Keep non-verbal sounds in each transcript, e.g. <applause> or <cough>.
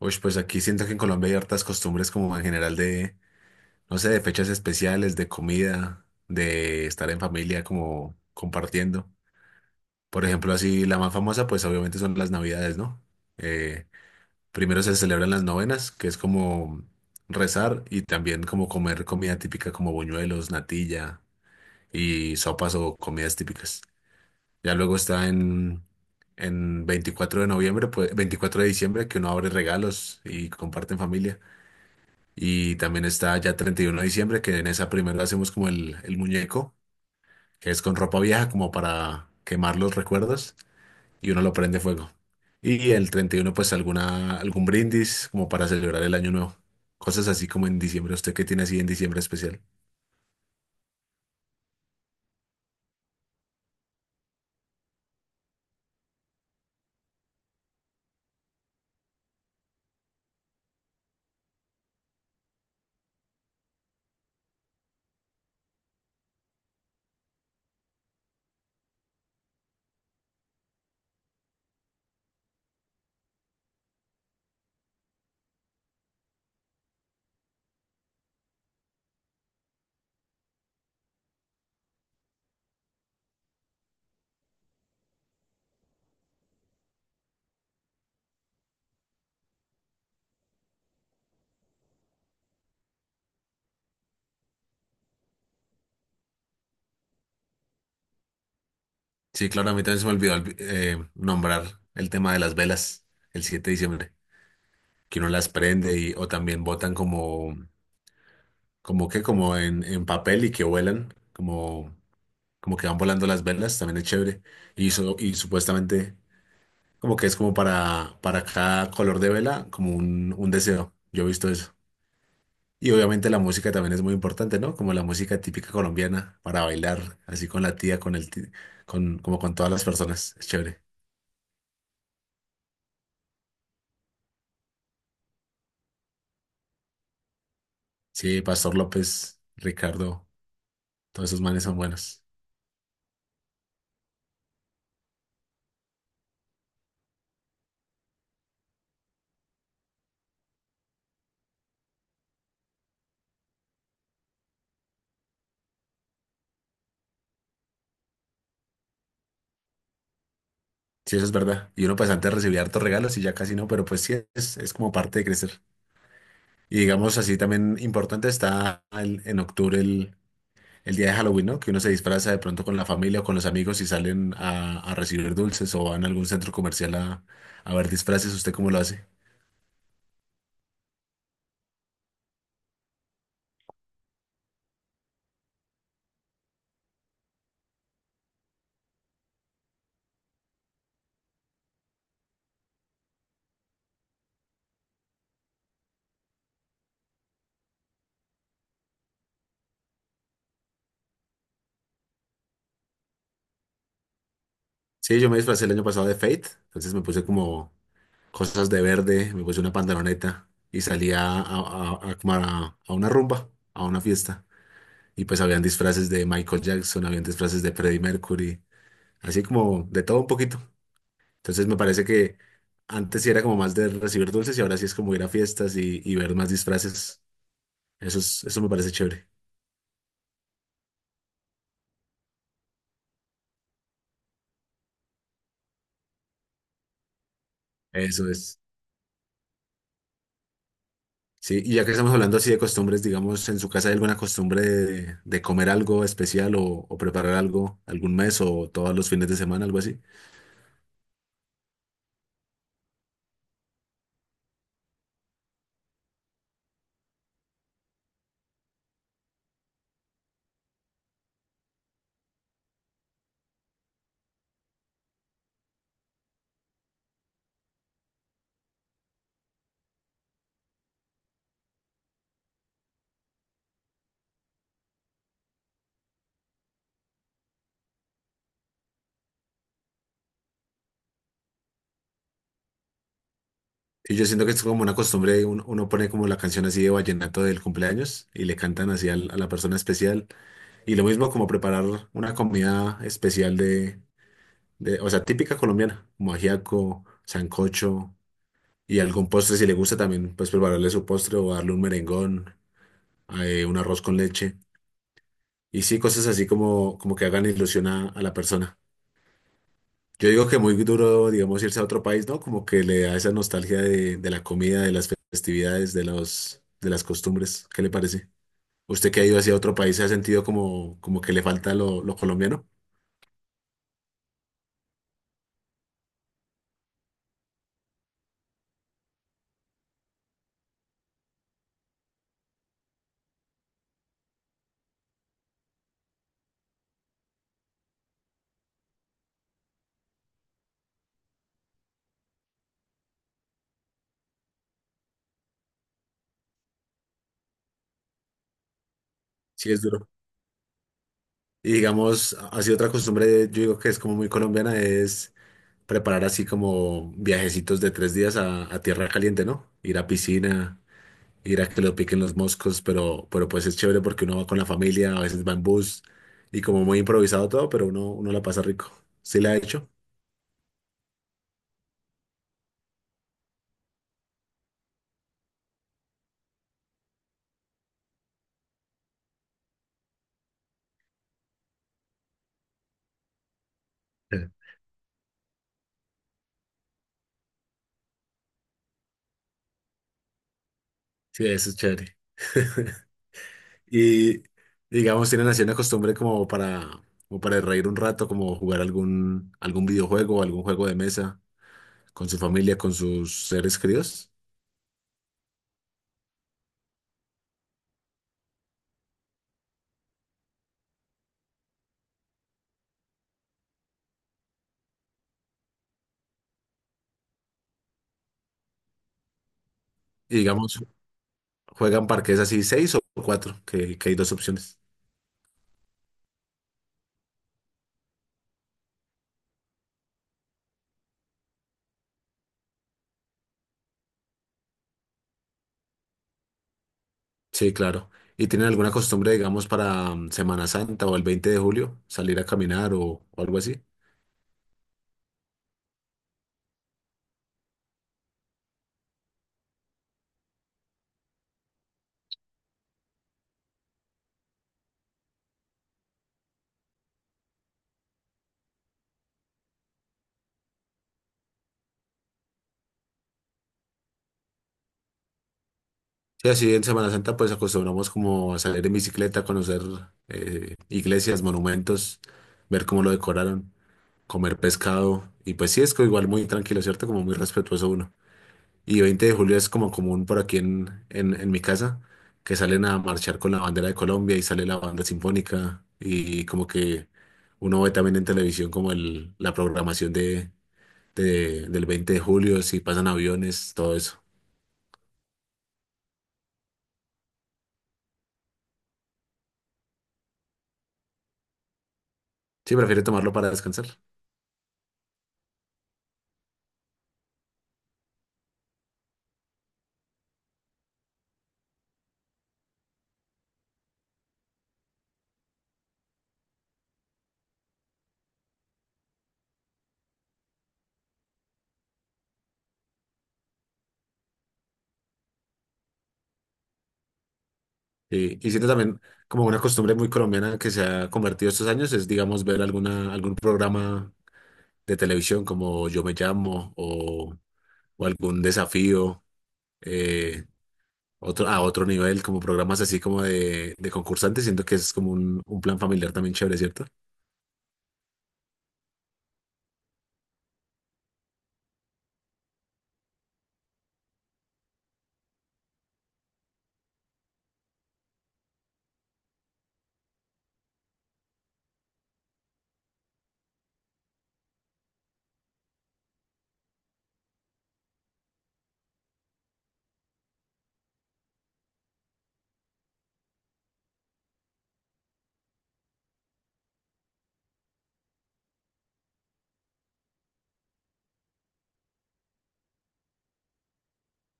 Uy, pues aquí siento que en Colombia hay hartas costumbres como en general de, no sé, de fechas especiales, de comida, de estar en familia como compartiendo. Por ejemplo, así la más famosa, pues obviamente son las Navidades, ¿no? Eh, Primero se celebran las novenas, que es como rezar y también como comer comida típica como buñuelos, natilla y sopas o comidas típicas. Ya luego está en 24 de noviembre, pues 24 de diciembre, que uno abre regalos y comparte en familia. Y también está ya 31 de diciembre, que en esa primera hacemos como el muñeco, que es con ropa vieja como para quemar los recuerdos y uno lo prende fuego. Y el 31 pues algún brindis como para celebrar el año nuevo. Cosas así como en diciembre. ¿Usted qué tiene así en diciembre especial? Sí, claro, a mí también se me olvidó nombrar el tema de las velas el 7 de diciembre, que uno las prende y, o también botan como, como que, como en papel y que vuelan, como que van volando las velas, también es chévere. Y supuestamente como que es como para, cada color de vela, como un deseo. Yo he visto eso. Y obviamente la música también es muy importante, ¿no? Como la música típica colombiana para bailar, así con la tía, con el ti- con, como con todas las personas. Es chévere. Sí, Pastor López, Ricardo, todos esos manes son buenos. Sí, eso es verdad. Y uno pues antes recibía hartos regalos y ya casi no, pero pues sí, es como parte de crecer. Y digamos así también importante está en octubre el, día de Halloween, ¿no? Que uno se disfraza de pronto con la familia o con los amigos y salen a, recibir dulces o van a algún centro comercial a ver disfraces. ¿Usted cómo lo hace? Sí, yo me disfracé el año pasado de Fate, entonces me puse como cosas de verde, me puse una pantaloneta y salí a una rumba, a una fiesta. Y pues habían disfraces de Michael Jackson, habían disfraces de Freddie Mercury, así como de todo un poquito. Entonces me parece que antes sí era como más de recibir dulces y ahora sí es como ir a fiestas y ver más disfraces. Eso es, eso me parece chévere. Eso es. Sí, y ya que estamos hablando así de costumbres, digamos, ¿en su casa hay alguna costumbre de, comer algo especial o preparar algo algún mes o todos los fines de semana, algo así? Y yo siento que es como una costumbre, uno pone como la canción así de vallenato del cumpleaños y le cantan así a la persona especial. Y lo mismo como preparar una comida especial de, o sea, típica colombiana, como ajiaco, sancocho y algún postre si le gusta también, pues prepararle su postre o darle un merengón. Un arroz con leche. Y sí, cosas así como que hagan ilusión a la persona. Yo digo que muy duro, digamos, irse a otro país, ¿no? Como que le da esa nostalgia de la comida, de las festividades, de las costumbres. ¿Qué le parece? ¿Usted que ha ido hacia otro país se ha sentido como que le falta lo, colombiano? Sí, es duro. Y digamos, así otra costumbre, yo digo que es como muy colombiana, es preparar así como viajecitos de 3 días a tierra caliente, ¿no? Ir a piscina ir a que lo piquen los moscos, pero pues es chévere porque uno va con la familia, a veces va en bus y como muy improvisado todo, pero uno la pasa rico. ¿Sí la ha hecho? Sí. Sí, eso es chévere. <laughs> Y digamos, tienen así una costumbre como para reír un rato, como jugar algún, videojuego, algún juego de mesa con su familia, con sus seres queridos. Y digamos, juegan parques así 6 o 4, que hay dos opciones. Sí, claro. ¿Y tienen alguna costumbre, digamos, para Semana Santa o el 20 de julio, salir a caminar o algo así? Sí, así en Semana Santa pues acostumbramos como a salir en bicicleta, conocer iglesias, monumentos, ver cómo lo decoraron, comer pescado y pues sí, es que igual muy tranquilo, ¿cierto? Como muy respetuoso uno. Y 20 de julio es como común por aquí en, en mi casa, que salen a marchar con la bandera de Colombia y sale la banda sinfónica y como que uno ve también en televisión como la programación del 20 de julio, si pasan aviones, todo eso. Sí, prefiero tomarlo para descansar. Y siento también como una costumbre muy colombiana que se ha convertido estos años es, digamos, ver algún programa de televisión como Yo me llamo o algún desafío. eh, a otro nivel, como programas así como de, concursantes, siento que es como un plan familiar también chévere, ¿cierto?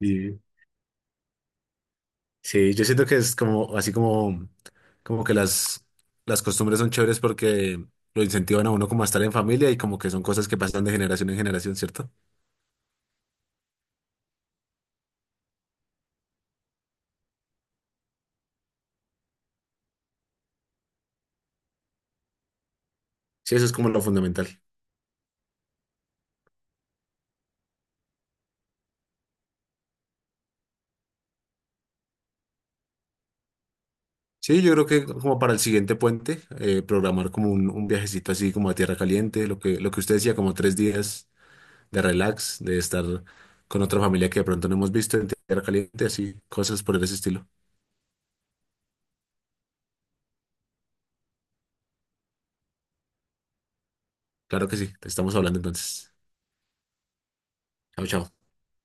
Y sí, yo siento que es como así como que las costumbres son chéveres porque lo incentivan a uno como a estar en familia y como que son cosas que pasan de generación en generación, ¿cierto? Sí, eso es como lo fundamental. Sí, yo creo que como para el siguiente puente, programar como un, viajecito así como a Tierra Caliente, lo que usted decía, como 3 días de relax, de estar con otra familia que de pronto no hemos visto en tierra caliente, así, cosas por ese estilo. Claro que sí, te estamos hablando entonces. Chao, chao.